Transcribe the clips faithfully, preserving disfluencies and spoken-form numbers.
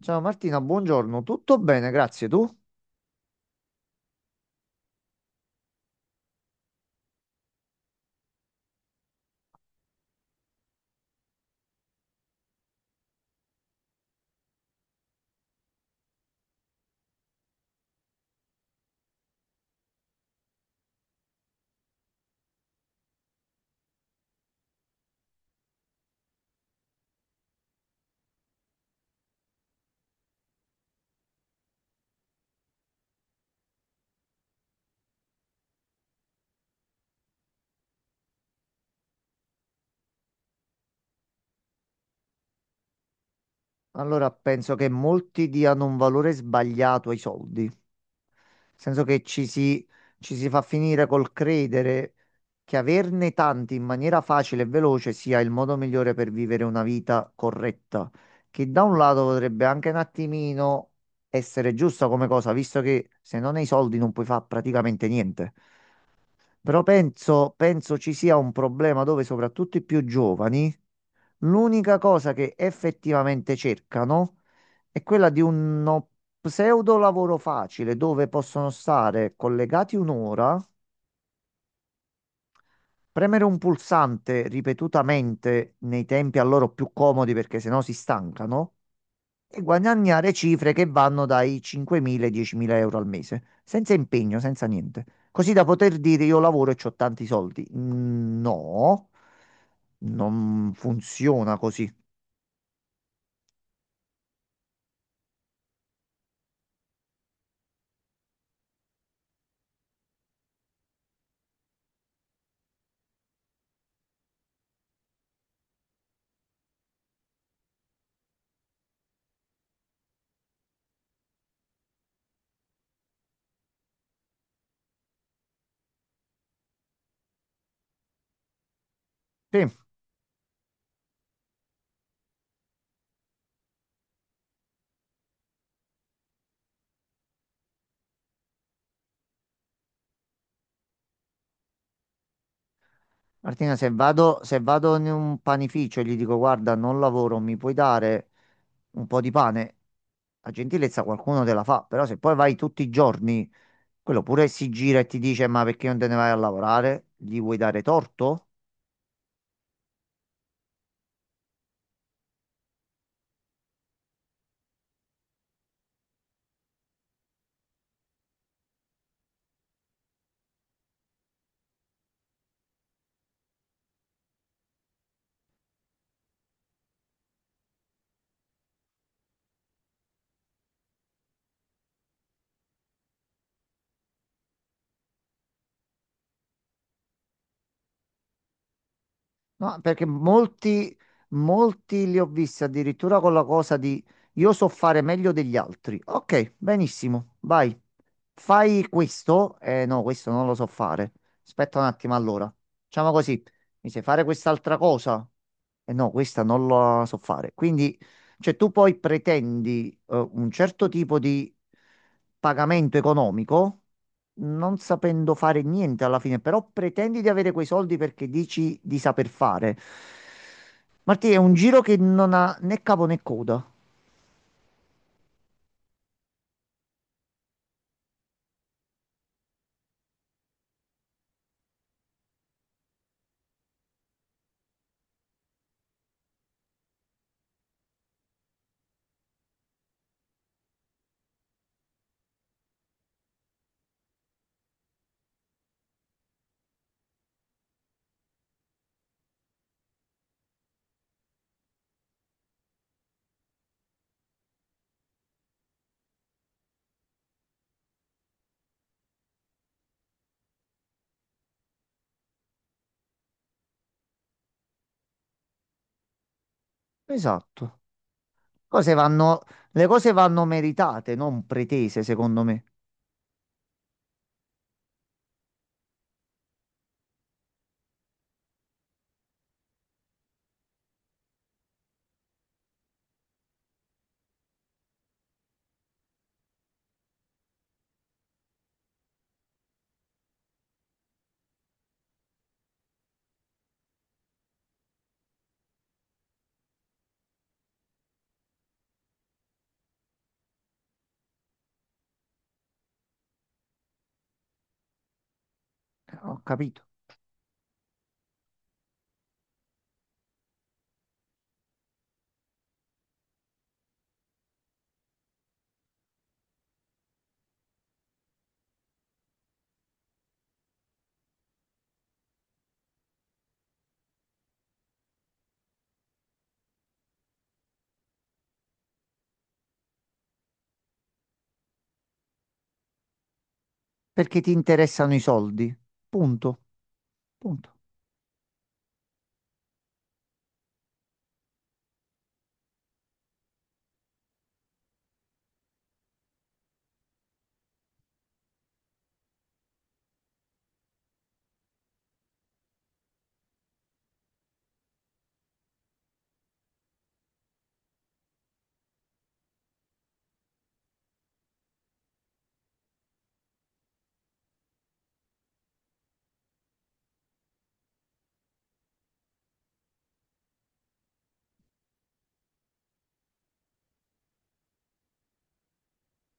Ciao Martina, buongiorno. Tutto bene, grazie. Tu? Allora, penso che molti diano un valore sbagliato ai soldi, nel senso che ci si, ci si fa finire col credere che averne tanti in maniera facile e veloce sia il modo migliore per vivere una vita corretta, che da un lato potrebbe anche un attimino essere giusta come cosa, visto che se non hai soldi non puoi fare praticamente niente. Però penso, penso ci sia un problema dove soprattutto i più giovani l'unica cosa che effettivamente cercano è quella di uno pseudo lavoro facile dove possono stare collegati un'ora, premere un pulsante ripetutamente nei tempi a loro più comodi perché sennò si stancano e guadagnare cifre che vanno dai cinquemila ai diecimila euro al mese, senza impegno, senza niente. Così da poter dire io lavoro e ho tanti soldi. Mm, no, non funziona così. Te Martina, se vado, se vado in un panificio e gli dico, guarda, non lavoro, mi puoi dare un po' di pane? La gentilezza qualcuno te la fa, però se poi vai tutti i giorni, quello pure si gira e ti dice, ma perché non te ne vai a lavorare? Gli vuoi dare torto? No, perché molti, molti li ho visti addirittura con la cosa di io so fare meglio degli altri. Ok, benissimo, vai. Fai questo? Eh no, questo non lo so fare. Aspetta un attimo allora. Facciamo così. Mi sai fare quest'altra cosa? Eh no, questa non la so fare. Quindi cioè, tu poi pretendi eh, un certo tipo di pagamento economico, non sapendo fare niente alla fine, però pretendi di avere quei soldi perché dici di saper fare. Martì, è un giro che non ha né capo né coda. Esatto. Cose vanno- le cose vanno meritate, non pretese, secondo me. Eh, Ho capito. Perché ti interessano i soldi. Punto. Punto.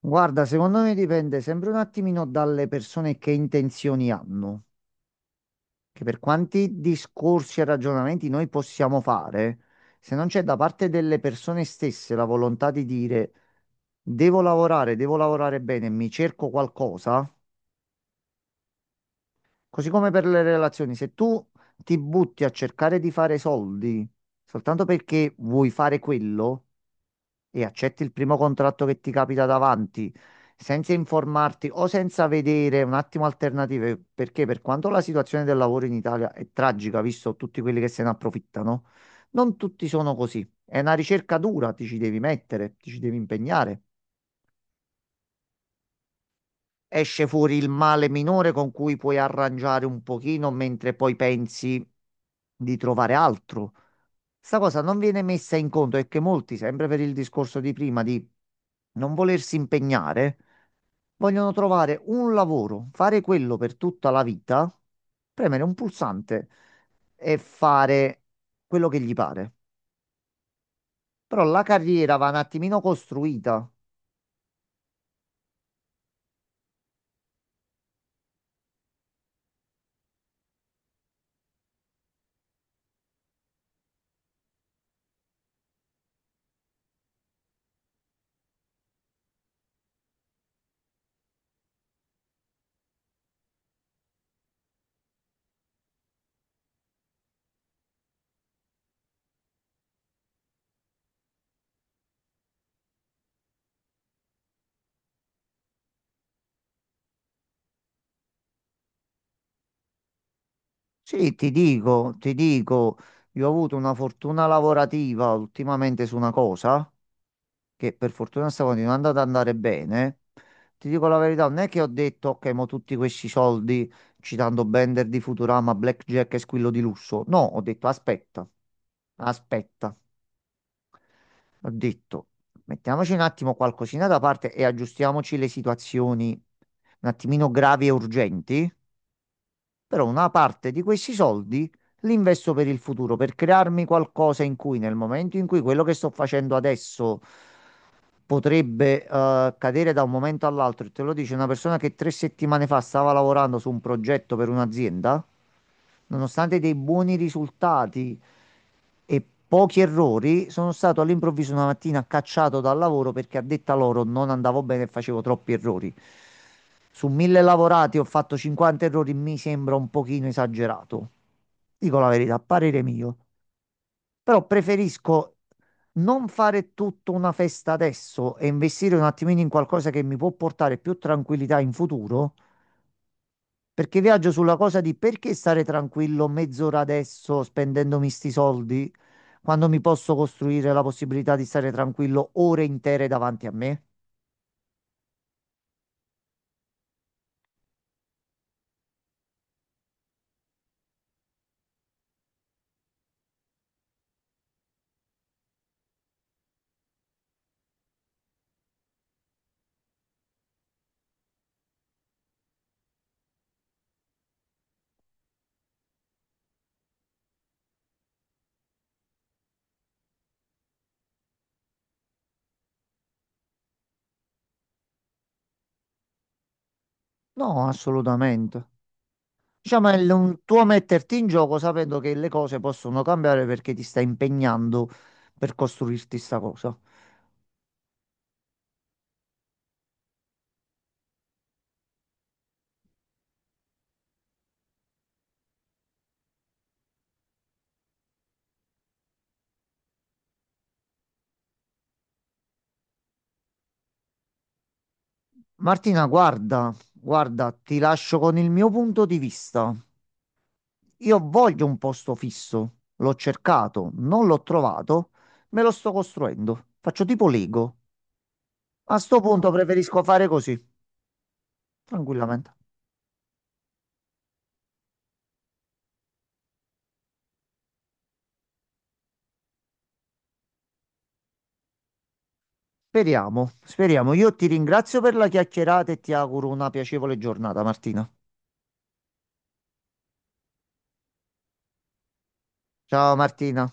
Guarda, secondo me dipende sempre un attimino dalle persone che intenzioni hanno, che per quanti discorsi e ragionamenti noi possiamo fare, se non c'è da parte delle persone stesse la volontà di dire devo lavorare, devo lavorare bene, mi cerco qualcosa, così come per le relazioni, se tu ti butti a cercare di fare soldi soltanto perché vuoi fare quello, e accetti il primo contratto che ti capita davanti, senza informarti o senza vedere un attimo alternative, perché per quanto la situazione del lavoro in Italia è tragica, visto tutti quelli che se ne approfittano, non tutti sono così. È una ricerca dura, ti ci devi mettere, ti ci devi impegnare, esce fuori il male minore con cui puoi arrangiare un pochino mentre poi pensi di trovare altro. Sta cosa non viene messa in conto, e che molti, sempre per il discorso di prima di non volersi impegnare, vogliono trovare un lavoro, fare quello per tutta la vita, premere un pulsante e fare quello che gli pare. Però la carriera va un attimino costruita. Sì, ti dico, ti dico, io ho avuto una fortuna lavorativa ultimamente su una cosa che per fortuna sta continuando ad andare bene. Ti dico la verità, non è che ho detto, ok, mo tutti questi soldi, citando Bender di Futurama, Blackjack e Squillo di Lusso. No, ho detto, aspetta, aspetta, ho detto, mettiamoci un attimo qualcosina da parte e aggiustiamoci le situazioni un attimino gravi e urgenti, però una parte di questi soldi li investo per il futuro, per crearmi qualcosa in cui nel momento in cui quello che sto facendo adesso potrebbe eh, cadere da un momento all'altro, e te lo dice una persona che tre settimane fa stava lavorando su un progetto per un'azienda, nonostante dei buoni risultati e pochi errori, sono stato all'improvviso una mattina cacciato dal lavoro perché a detta loro non andavo bene e facevo troppi errori. Su mille lavorati ho fatto cinquanta errori, mi sembra un pochino esagerato. Dico la verità, a parere mio. Però preferisco non fare tutta una festa adesso e investire un attimino in qualcosa che mi può portare più tranquillità in futuro, perché viaggio sulla cosa di perché stare tranquillo mezz'ora adesso spendendomi sti soldi quando mi posso costruire la possibilità di stare tranquillo ore intere davanti a me? No, assolutamente. Diciamo, è l- un tuo metterti in gioco sapendo che le cose possono cambiare perché ti stai impegnando per costruirti sta cosa. Martina, guarda, guarda, ti lascio con il mio punto di vista. Io voglio un posto fisso, l'ho cercato, non l'ho trovato, me lo sto costruendo. Faccio tipo Lego. A sto punto preferisco fare così, tranquillamente. Speriamo, speriamo. Io ti ringrazio per la chiacchierata e ti auguro una piacevole giornata, Martina. Ciao Martina.